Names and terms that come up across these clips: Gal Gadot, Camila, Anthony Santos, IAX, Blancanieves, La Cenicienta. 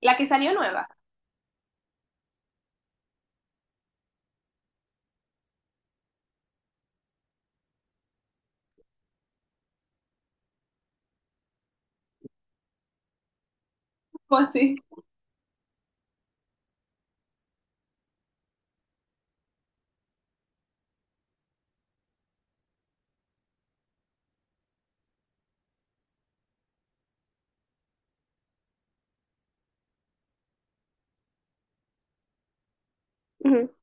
La que salió nueva. Pues sí. Ujú.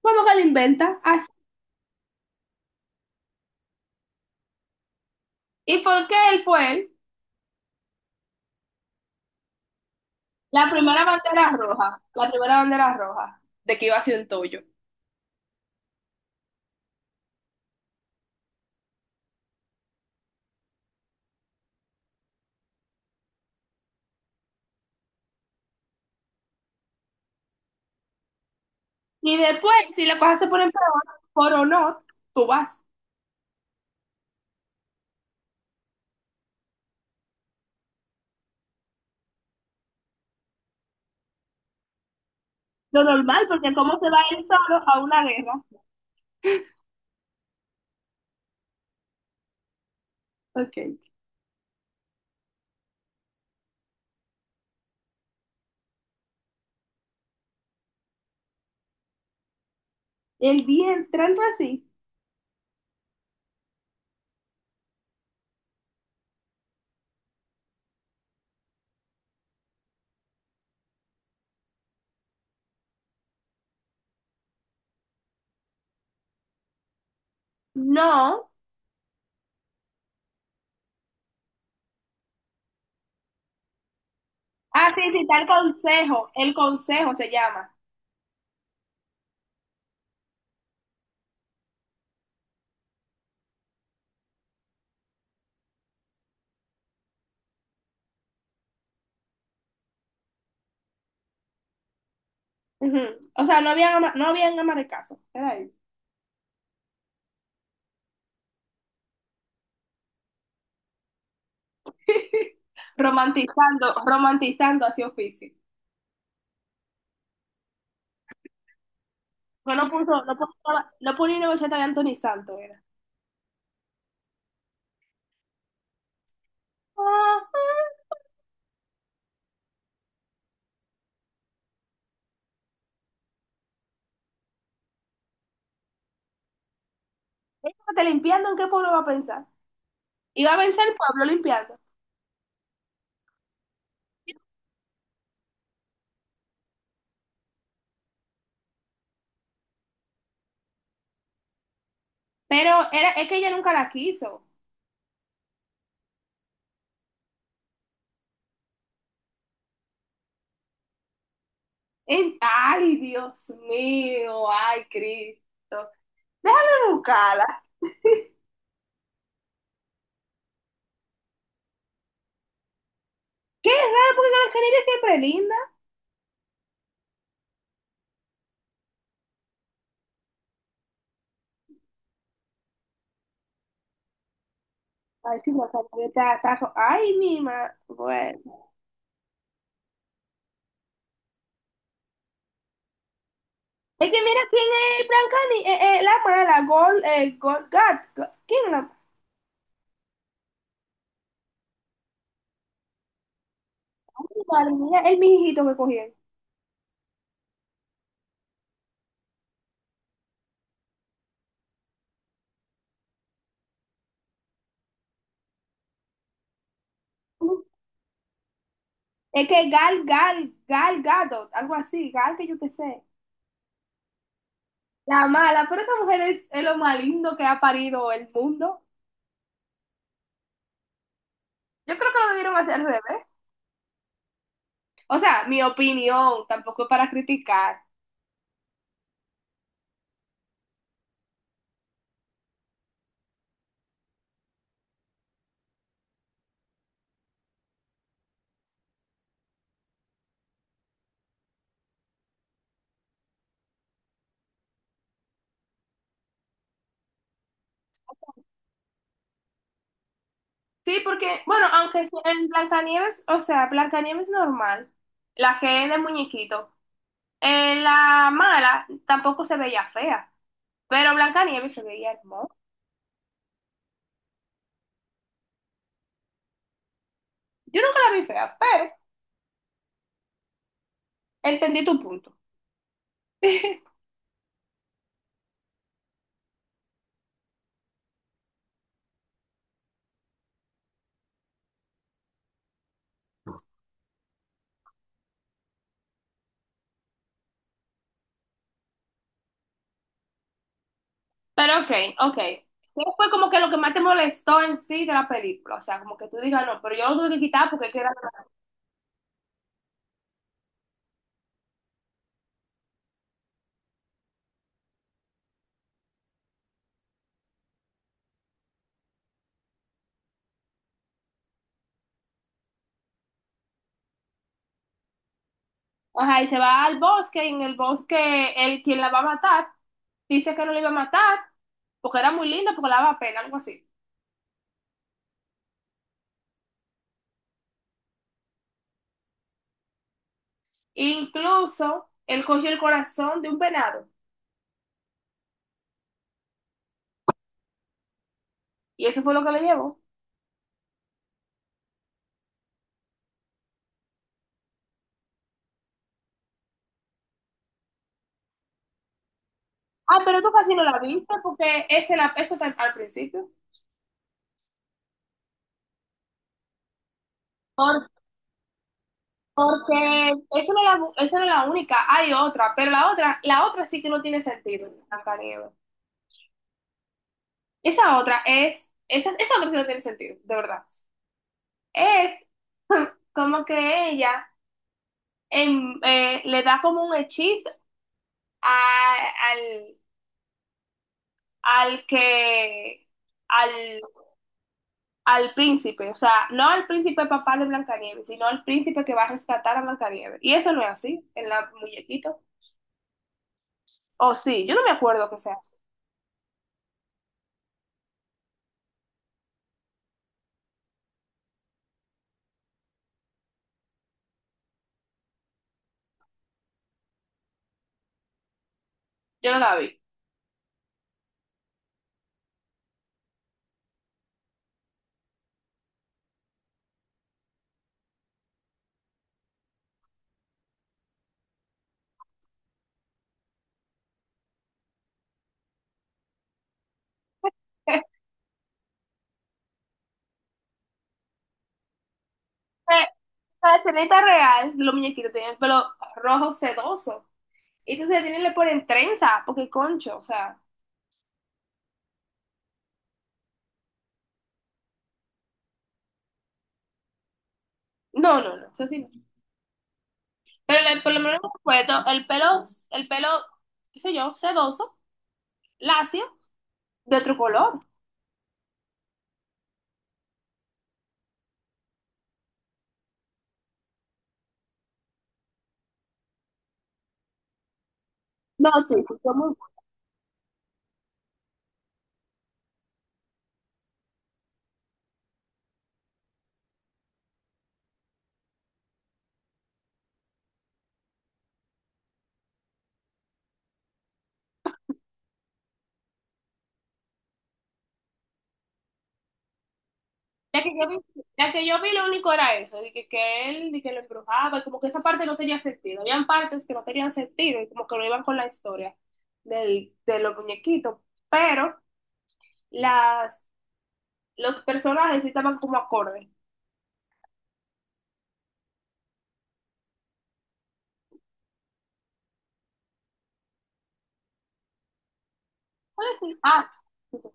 ¿Cómo que la inventa? Así. ¿Y por qué él fue él? La primera bandera roja. La primera bandera roja. De que iba a ser un toyo. Y después, si las cosas se ponen peor, por honor, tú vas. Lo normal, porque cómo se va él solo a una guerra. Ok. El día entrando así. No. Ah, sí, sí, está el consejo. El consejo se llama. Ujú. O sea, no habían ama de casa. Era ahí. Romantizando, romantizando hacia oficio. Pero no puso, no ponía una bachata de Anthony Santos, era. Ah, ah, te limpiando, ¿en qué pueblo va a pensar? Iba a pensar el pueblo limpiando. Pero era, es que ella nunca la quiso. Ay, Dios mío, ay, Cristo. Déjame buscarla. Qué raro, porque Carol Caribbean siempre es linda. Ay, sí, me acabo de ta- tajo. Ay, mi madre. Bueno. Es que mira quién es Blanca Ni- la mala, ¿Quién es la? Ay, madre mía, el mijito que cogieron. Es que Gal Gadot, algo así, Gal que yo qué sé. La mala, pero esa mujer es lo más lindo que ha parido el mundo. Yo creo que lo debieron hacer al revés. O sea, mi opinión, tampoco es para criticar. Sí, porque, bueno, aunque sea en Blancanieves, o sea, Blancanieves normal, la que es de muñequito, la mala tampoco se veía fea, pero Blancanieves se veía hermosa. Yo nunca la vi fea, pero entendí tu punto. Pero ok, ok. ¿Qué fue como que lo que más te molestó en sí de la película? O sea, como que tú digas, no, pero yo lo tuve que quitar porque queda... Ajá, y se va al bosque, y en el bosque él quien la va a matar, dice que no la iba a matar, porque era muy linda, porque la daba pena, algo así. Incluso, él cogió el corazón de un venado, y eso fue lo que le llevó. Ah, pero tú casi no la viste, porque eso está al principio. Porque esa no es la única, hay otra, pero la otra sí que no tiene sentido, Blancanieves. Esa otra sí no tiene sentido, de verdad. Es como que ella le da como un hechizo a- al, al que, al, al príncipe, o sea, no al príncipe papá de Blancanieves, sino al príncipe que va a rescatar a Blancanieves. Y eso no es así, en la muñequito. O sí, yo no me acuerdo que sea así, yo no la vi. Eh, La Ceneta real, los muñequitos tenían el pelo rojo sedoso. Y entonces vienen le ponen trenza, porque concho, o sea, no, no, no, eso sí no. Por lo menos me acuerdo, el pelo, qué sé yo, sedoso, lacio, de otro color. No, sí, sí, fue muy. Ya que yo vi, ya que yo vi lo único era eso, que él, de que lo embrujaba, y como que esa parte no tenía sentido. Habían partes que no tenían sentido y como que no iban con la historia de los muñequitos. Pero las los personajes sí estaban como acorde. ¿Cuál es? Ah, sí, sí.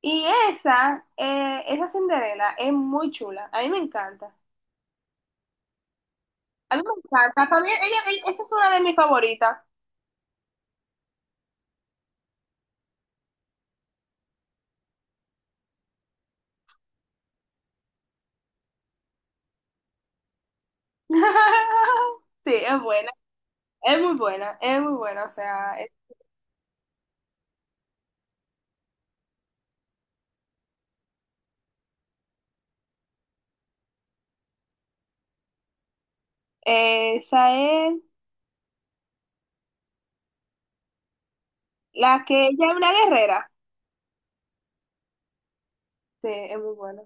Y esa, esa Cinderela es muy chula. A mí me encanta. A mí me encanta. Para mí, esa es una de mis favoritas. Sí, es buena. Es muy buena. Es muy buena. Esa es la que ella es una guerrera. Sí, es muy buena.